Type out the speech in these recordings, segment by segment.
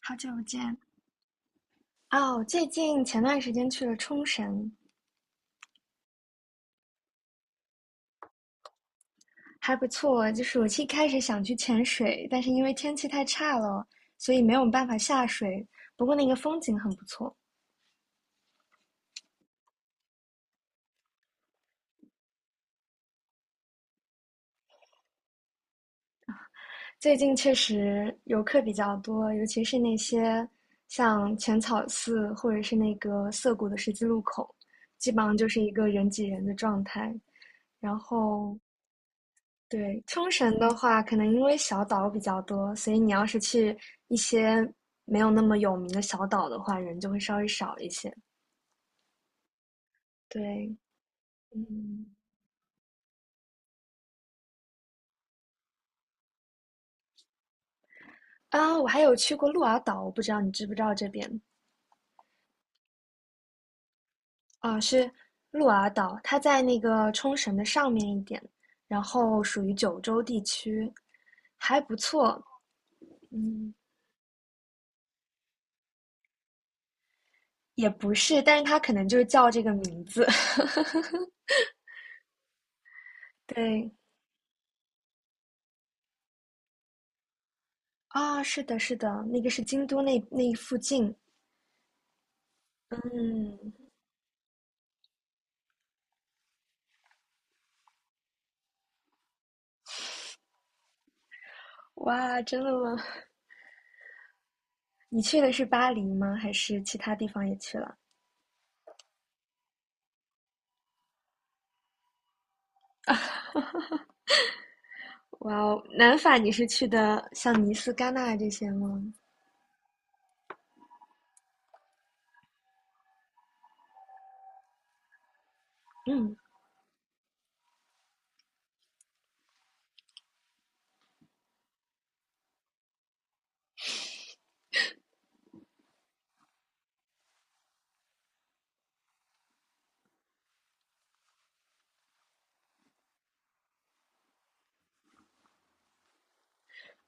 好久不见。哦，最近前段时间去了冲绳，还不错。就是我一开始想去潜水，但是因为天气太差了，所以没有办法下水。不过那个风景很不错。最近确实游客比较多，尤其是那些像浅草寺或者是那个涩谷的十字路口，基本上就是一个人挤人的状态。然后对，冲绳的话，可能因为小岛比较多，所以你要是去一些没有那么有名的小岛的话，人就会稍微少一些。对，嗯，啊，我还有去过鹿儿岛，我不知道你知不知道这边啊，是鹿儿岛，它在那个冲绳的上面一点，然后属于九州地区，还不错。嗯，也不是，但是它可能就是叫这个名字。对，啊，是的，是的，那个是京都那附近。嗯，哇，真的吗？你去的是巴黎吗？还是其他地方也去了？哇哦，南法你是去的像尼斯、戛纳这些吗？嗯，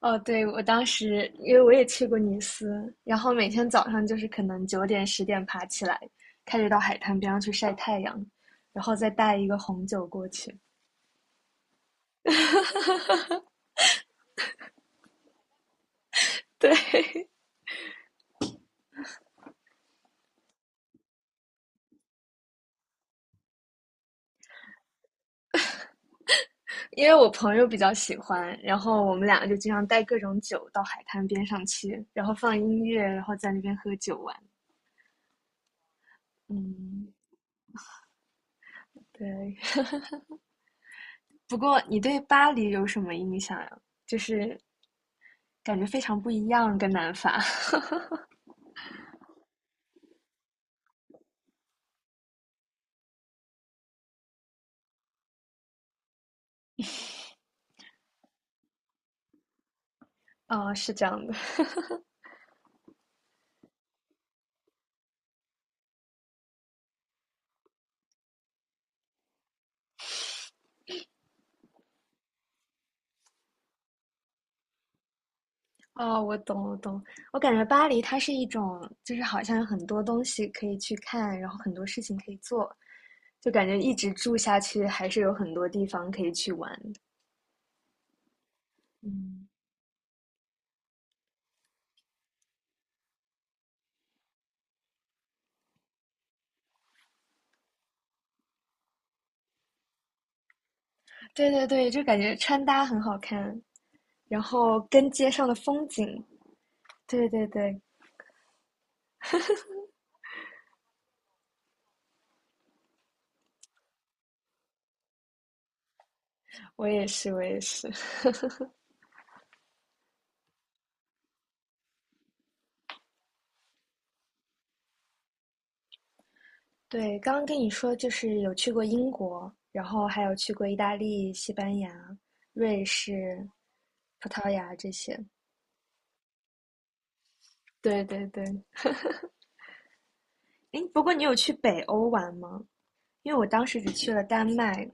哦，对，我当时因为我也去过尼斯，然后每天早上就是可能9点10点爬起来，开始到海滩边上去晒太阳，然后再带一个红酒过去。对，因为我朋友比较喜欢，然后我们两个就经常带各种酒到海滩边上去，然后放音乐，然后在那边喝酒玩。嗯，对。不过你对巴黎有什么印象呀？就是感觉非常不一样，跟南法。哦，是这样的。哦，我懂，我懂。我感觉巴黎它是一种，就是好像有很多东西可以去看，然后很多事情可以做，就感觉一直住下去还是有很多地方可以去玩。嗯，对对对，就感觉穿搭很好看，然后跟街上的风景。对对对，我也是，我也是。对，刚刚跟你说就是有去过英国，然后还有去过意大利、西班牙、瑞士、葡萄牙这些。对对对，诶，不过你有去北欧玩吗？因为我当时只去了丹麦，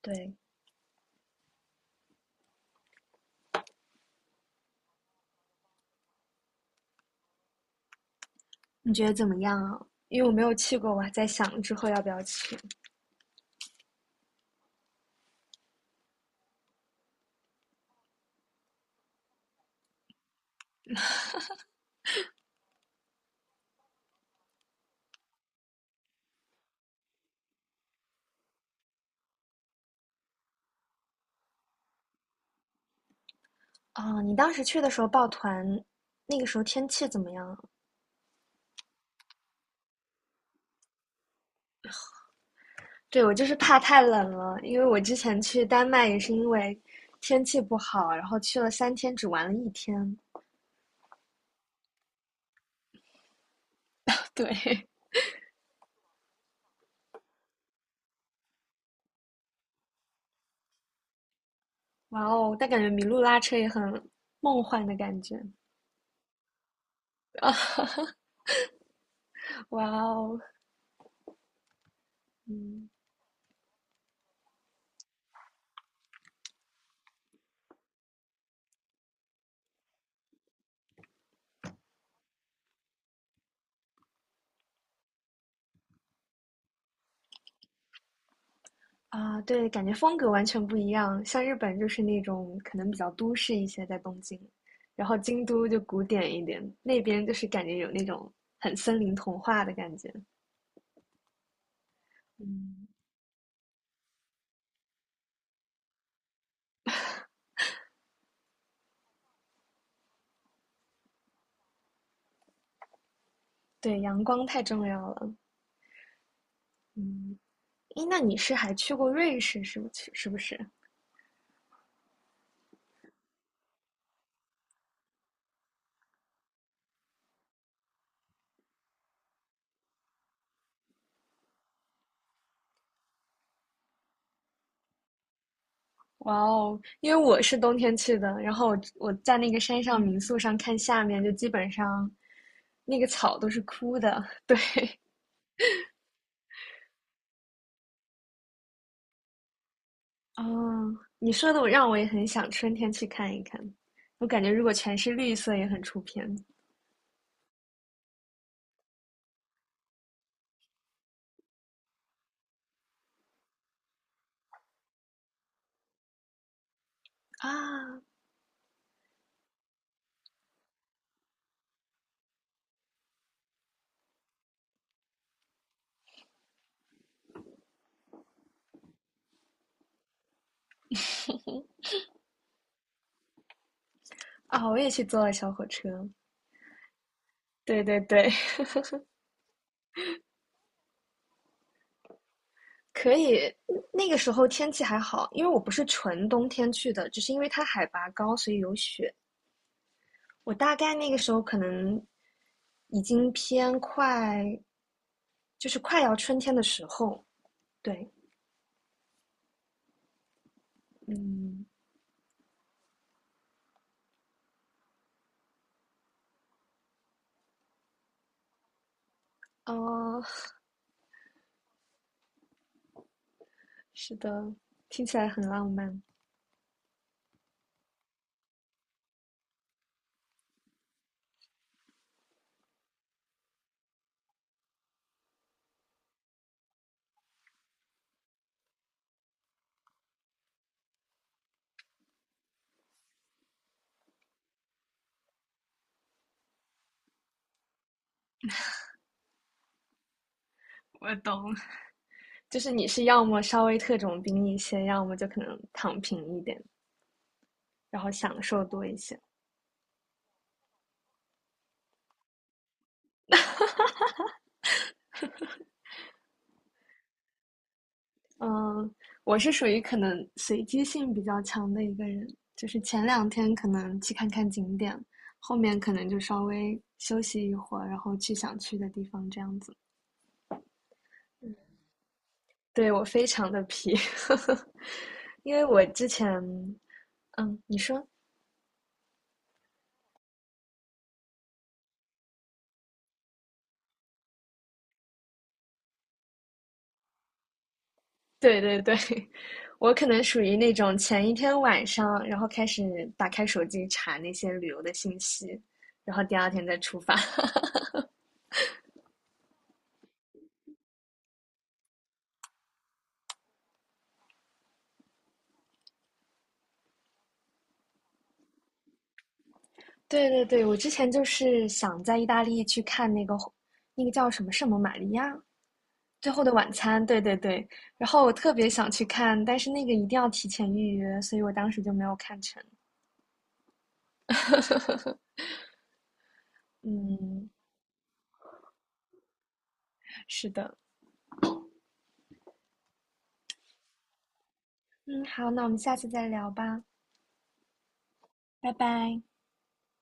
对，你觉得怎么样啊？因为我没有去过，我还在想之后要不要去。哦，你当时去的时候抱团，那个时候天气怎么样啊对，我就是怕太冷了，因为我之前去丹麦也是因为天气不好，然后去了3天，只玩了一天。对，哇哦，但感觉麋鹿拉车也很梦幻的感觉。哇哦，嗯啊，对，感觉风格完全不一样。像日本就是那种可能比较都市一些，在东京，然后京都就古典一点，那边就是感觉有那种很森林童话的感觉。嗯，对，阳光太重要了。嗯，诶，那你是还去过瑞士，是不是？是不是？哇哦，因为我是冬天去的，然后我在那个山上民宿上看下面，就基本上那个草都是枯的。对，哦，你说的我让我也很想春天去看一看。我感觉如果全是绿色也很出片啊啊！我也去坐了小火车，对对对，可以。嗯那个时候天气还好，因为我不是纯冬天去的，只是因为它海拔高，所以有雪。我大概那个时候可能已经偏快就是快要春天的时候，对，嗯，哦，是的，听起来很浪漫。我懂，就是你是要么稍微特种兵一些，要么就可能躺平一点，然后享受多一些。嗯，我是属于可能随机性比较强的一个人，就是前两天可能去看看景点，后面可能就稍微休息一会儿，然后去想去的地方这样子。对，我非常的皮，因为我之前，嗯，你说，对对对，我可能属于那种前一天晚上，然后开始打开手机查那些旅游的信息，然后第二天再出发。对对对，我之前就是想在意大利去看那个那个叫什么圣母玛利亚最后的晚餐，对对对，然后我特别想去看，但是那个一定要提前预约，所以我当时就没有看成。嗯，是的。嗯，好，那我们下次再聊吧，拜拜。